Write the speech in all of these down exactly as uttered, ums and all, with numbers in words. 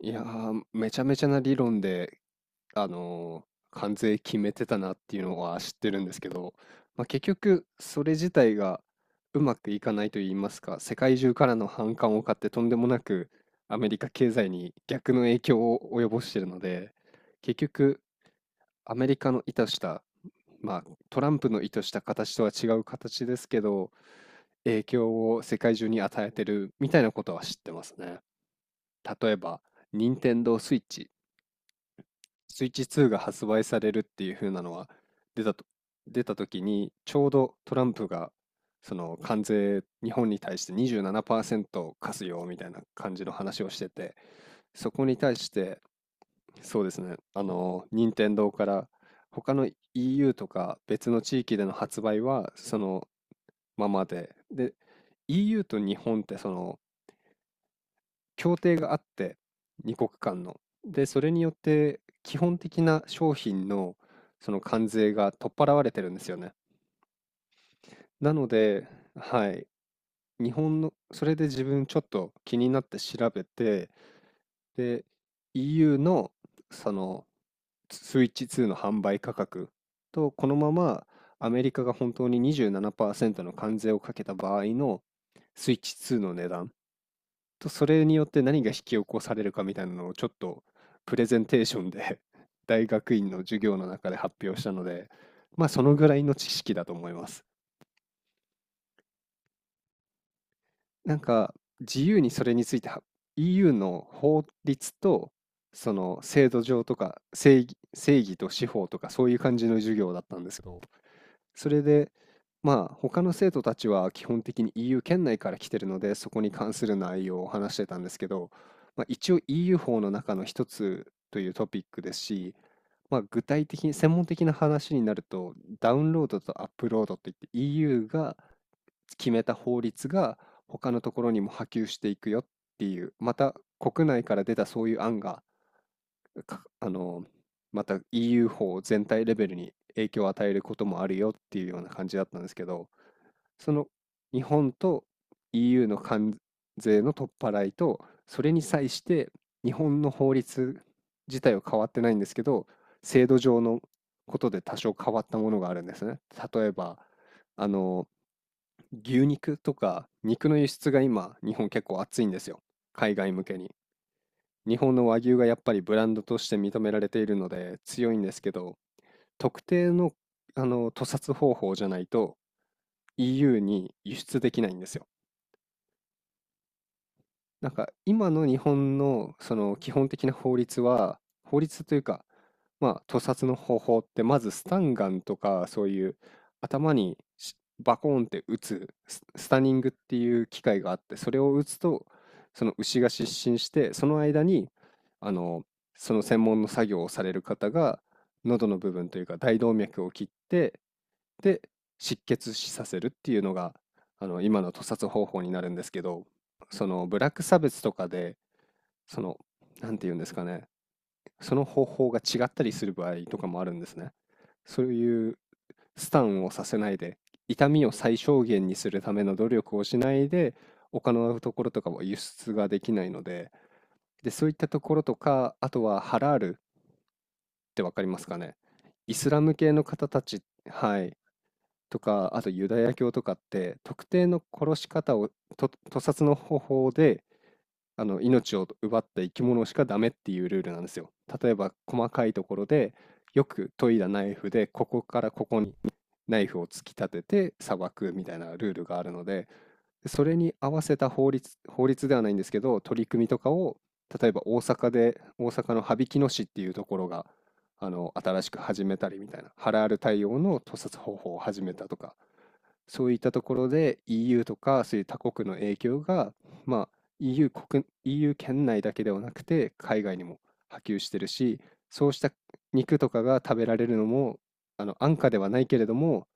いやー、めちゃめちゃな理論で、あのー関税決めてたなっていうのは知ってるんですけど、まあ、結局それ自体がうまくいかないと言いますか、世界中からの反感を買ってとんでもなくアメリカ経済に逆の影響を及ぼしてるので、結局アメリカの意図した、まあ、トランプの意図した形とは違う形ですけど、影響を世界中に与えてるみたいなことは知ってますね。例えば、任天堂スイッチスイッチツーが発売されるっていう風なのは出たと、出た時にちょうどトランプがその関税日本に対してにじゅうななパーセント課すよみたいな感じの話をしてて、そこに対して、そうですね、あの任天堂から他の イーユー とか別の地域での発売はそのままでで イーユー と日本ってその協定があって、にこっかん国間の。で、それによって基本的な商品のその関税が取っ払われてるんですよね。なので、はい、日本の、それで自分ちょっと気になって調べて、で、イーユー のそのスイッチツーの販売価格と、このままアメリカが本当ににじゅうななパーセントの関税をかけた場合のスイッチツーの値段と、それによって何が引き起こされるかみたいなのをちょっとプレゼンテーションで 大学院の授業の中で発表したので、まあそのぐらいの知識だと思います。なんか自由にそれについては イーユー の法律とその制度上とか正義、正義と司法とかそういう感じの授業だったんですけど、それで、まあ、他の生徒たちは基本的に イーユー 圏内から来てるので、そこに関する内容を話してたんですけど、まあ、一応 イーユー 法の中の一つというトピックですし、まあ、具体的に専門的な話になると、ダウンロードとアップロードといって イーユー が決めた法律が他のところにも波及していくよっていう、また国内から出たそういう案がかあの、また イーユー 法全体レベルに影響を与えることもあるよっていうような感じだったんですけど、その日本と イーユー の関税の取っ払いと、それに際して日本の法律自体は変わってないんですけど、制度上のことで多少変わったものがあるんですね。例えば、あの、牛肉とか肉の輸出が今、日本結構熱いんですよ。海外向けに。日本の和牛がやっぱりブランドとして認められているので強いんですけど、特定の、あの、屠殺方法じゃないと イーユー に輸出できないんですよ。なんか今の日本のその基本的な法律は、法律というか、まあ、屠殺の方法ってまずスタンガンとかそういう頭にしバコーンって撃つス、スタニングっていう機械があってそれを撃つとその牛が失神してその間にあのその専門の作業をされる方が喉の部分というか大動脈を切ってで、失血死させるっていうのが、あの、今の屠殺方法になるんですけど、そのブラック差別とかで、その、なんて言うんですかね、その方法が違ったりする場合とかもあるんですね。そういうスタンをさせないで、痛みを最小限にするための努力をしないで、他のところとかは輸出ができないので、で、そういったところとか、あとはハラールってわかりますかね。イスラム系の方たち、はい。とか、あとユダヤ教とかって、特定の殺し方を、と、屠殺の方法で、あの、命を奪った生き物しかダメっていうルールなんですよ。例えば、細かいところで、よく研いだナイフで、ここからここにナイフを突き立てて裁くみたいなルールがあるので、それに合わせた法律、法律ではないんですけど、取り組みとかを、例えば大阪で、大阪の羽曳野市っていうところが、あの、新しく始めたりみたいな、ハラール対応の屠殺方法を始めたとか、そういったところで イーユー とかそういう他国の影響が、まあ、イーユー 国、イーユー 圏内だけではなくて海外にも波及してるし、そうした肉とかが食べられるのも、あの安価ではないけれども、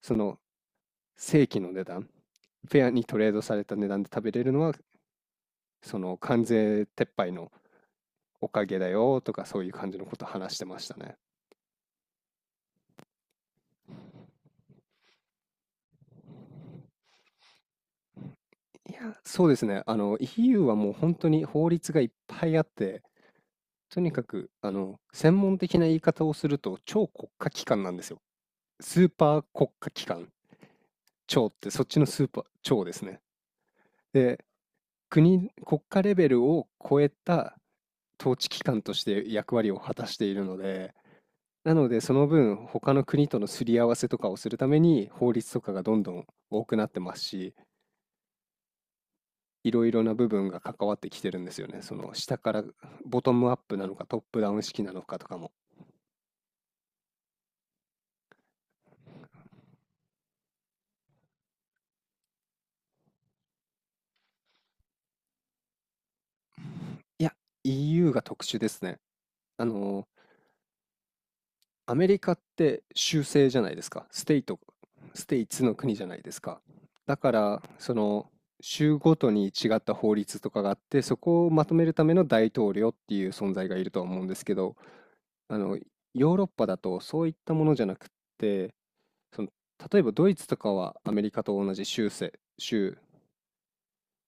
その正規の値段、フェアにトレードされた値段で食べれるのは、その関税撤廃のおかげだよとかそういう感じのこと話してましたね。いや、そうですね。あの イーユー はもう本当に法律がいっぱいあって、とにかく、あの、専門的な言い方をすると、超国家機関なんですよ。スーパー国家機関。超ってそっちのスーパー、超ですね。で、国、国家レベルを超えた統治機関として役割を果たしているので、なのでその分他の国とのすり合わせとかをするために法律とかがどんどん多くなってますし、いろいろな部分が関わってきてるんですよね。その下からボトムアップなのかトップダウン式なのかとかも。いや、イーユー が特殊ですね。あの、アメリカって州制じゃないですか。ステイト、ステイツの国じゃないですか。だから、その、州ごとに違った法律とかがあって、そこをまとめるための大統領っていう存在がいるとは思うんですけど、あの、ヨーロッパだとそういったものじゃなくって、その、例えばドイツとかはアメリカと同じ州制、州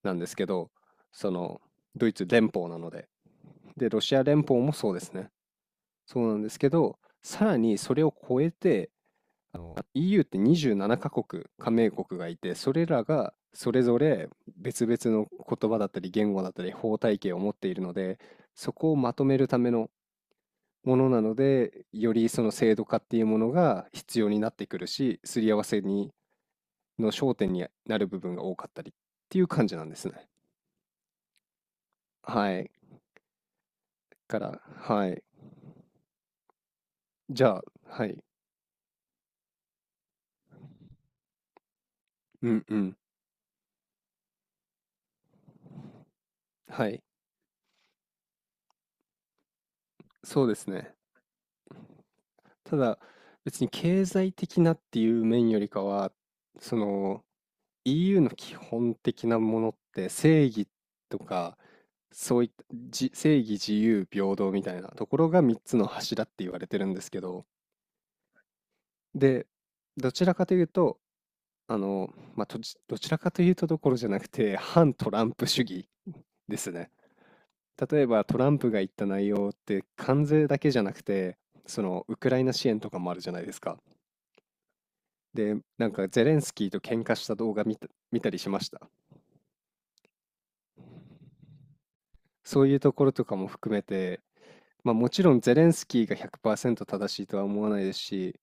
なんですけど、その、ドイツ連邦なので。で、ロシア連邦もそうですね。そうなんですけど、さらにそれを超えて、あの イーユー ってにじゅうななかこくカ国加盟国がいてそれらがそれぞれ別々の言葉だったり言語だったり法体系を持っているのでそこをまとめるためのものなのでよりその制度化っていうものが必要になってくるしすり合わせにの焦点になる部分が多かったりっていう感じなんですね。はい。から、はい。じゃあ、はい。うんうん。はい。そうですね。ただ、別に経済的なっていう面よりかは、その イーユー の基本的なものって正義とか、そういったじ正義、自由、平等みたいなところがみっつの柱って言われてるんですけど、で、どちらかというと、あの、まあ、どちどちらかというとどころじゃなくて、反トランプ主義ですね。例えばトランプが言った内容って関税だけじゃなくて、そのウクライナ支援とかもあるじゃないですか。で、なんかゼレンスキーと喧嘩した動画見た、見たりしました。そういうところとかも含めて、まあもちろんゼレンスキーがひゃくパーセント正しいとは思わないですし、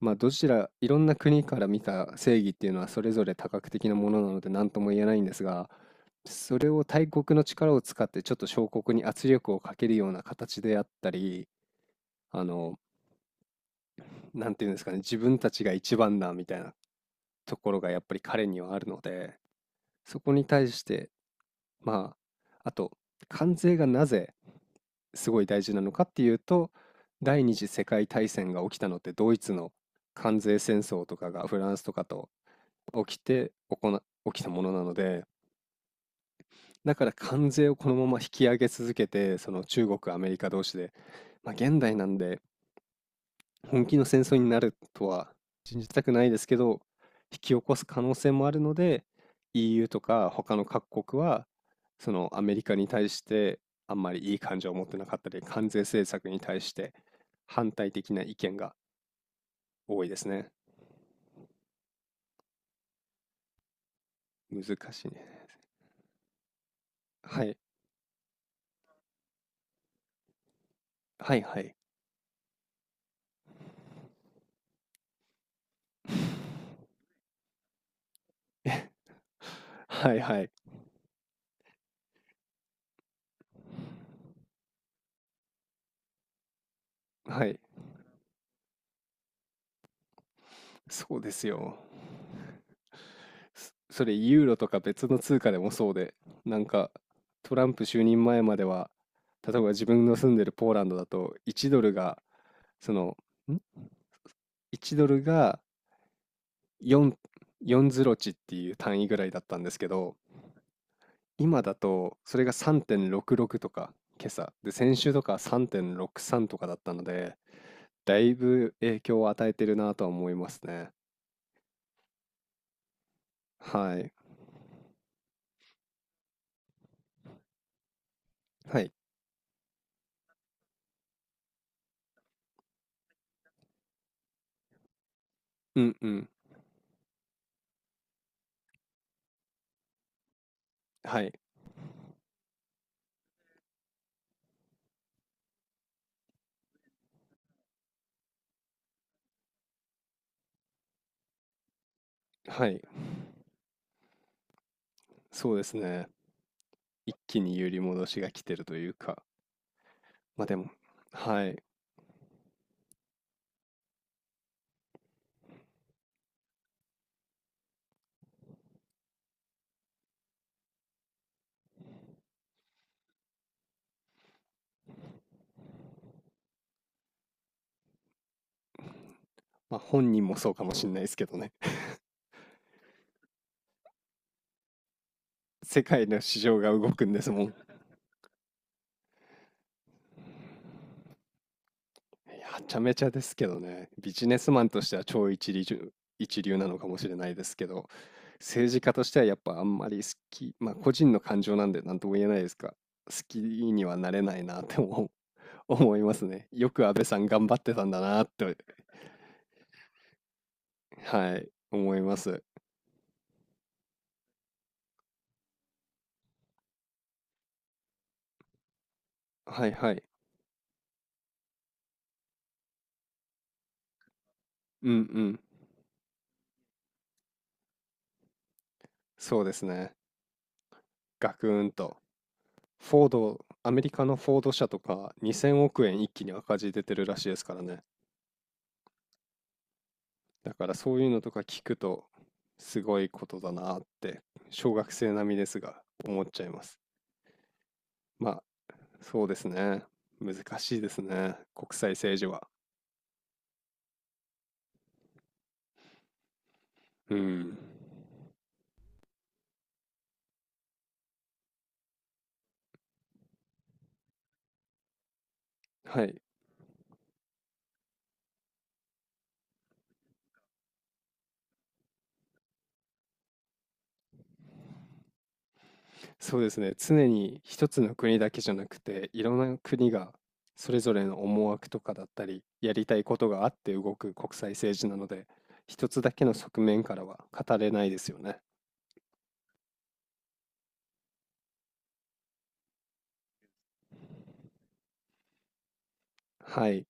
まあどちら、いろんな国から見た正義っていうのはそれぞれ多角的なものなので何とも言えないんですが、それを大国の力を使ってちょっと小国に圧力をかけるような形であったり、あの、なんていうんですかね、自分たちが一番だみたいなところがやっぱり彼にはあるので、そこに対してまあ、あと、関税がなぜすごい大事なのかっていうと、第二次世界大戦が起きたのってドイツの関税戦争とかがフランスとかと起きて行な起きたものなので、だから関税をこのまま引き上げ続けて、その中国、アメリカ同士で、まあ現代なんで本気の戦争になるとは信じたくないですけど、引き起こす可能性もあるので、イーユー とか他の各国は、そのアメリカに対してあんまりいい感情を持ってなかったり、関税政策に対して反対的な意見が多いですね。難しいね。はい、はいはい。はいはい、はい、そうですよ。それユーロとか別の通貨でもそうで、なんかトランプ就任前までは、例えば自分の住んでるポーランドだと1ドルが、その、ん ?1 ドルがよん、よんズロ値っていう単位ぐらいだったんですけど、今だとそれがさんてんろくろくとか、今朝。で、先週とかさんてんろくさんとかだったので、だいぶ影響を与えてるなとは思いますね。はい。はい。うんうん。はい。はい。そうですね。一気に揺り戻しが来てるというか、まあでも、はい。まあ本人もそうかもしれないですけどね。世界の市場が動くんですもん。いやはちゃめちゃですけどね。ビジネスマンとしては超一流じゅ、一流なのかもしれないですけど、政治家としてはやっぱあんまり好き、まあ個人の感情なんで何とも言えないですが、好きにはなれないなって思う 思いますね。よく安倍さん頑張ってたんだなって、はい、思います。はいはい。うんうん。そうですね。ガクーンと。フォード、アメリカのフォード社とかにせんおく円一気に赤字出てるらしいですからね。だからそういうのとか聞くとすごいことだなって小学生並みですが思っちゃいます。まあそうですね。難しいですね。国際政治は。うん。はい。そうですね。常に一つの国だけじゃなくて、いろんな国がそれぞれの思惑とかだったり、やりたいことがあって動く国際政治なので、一つだけの側面からは語れないですよね。はい。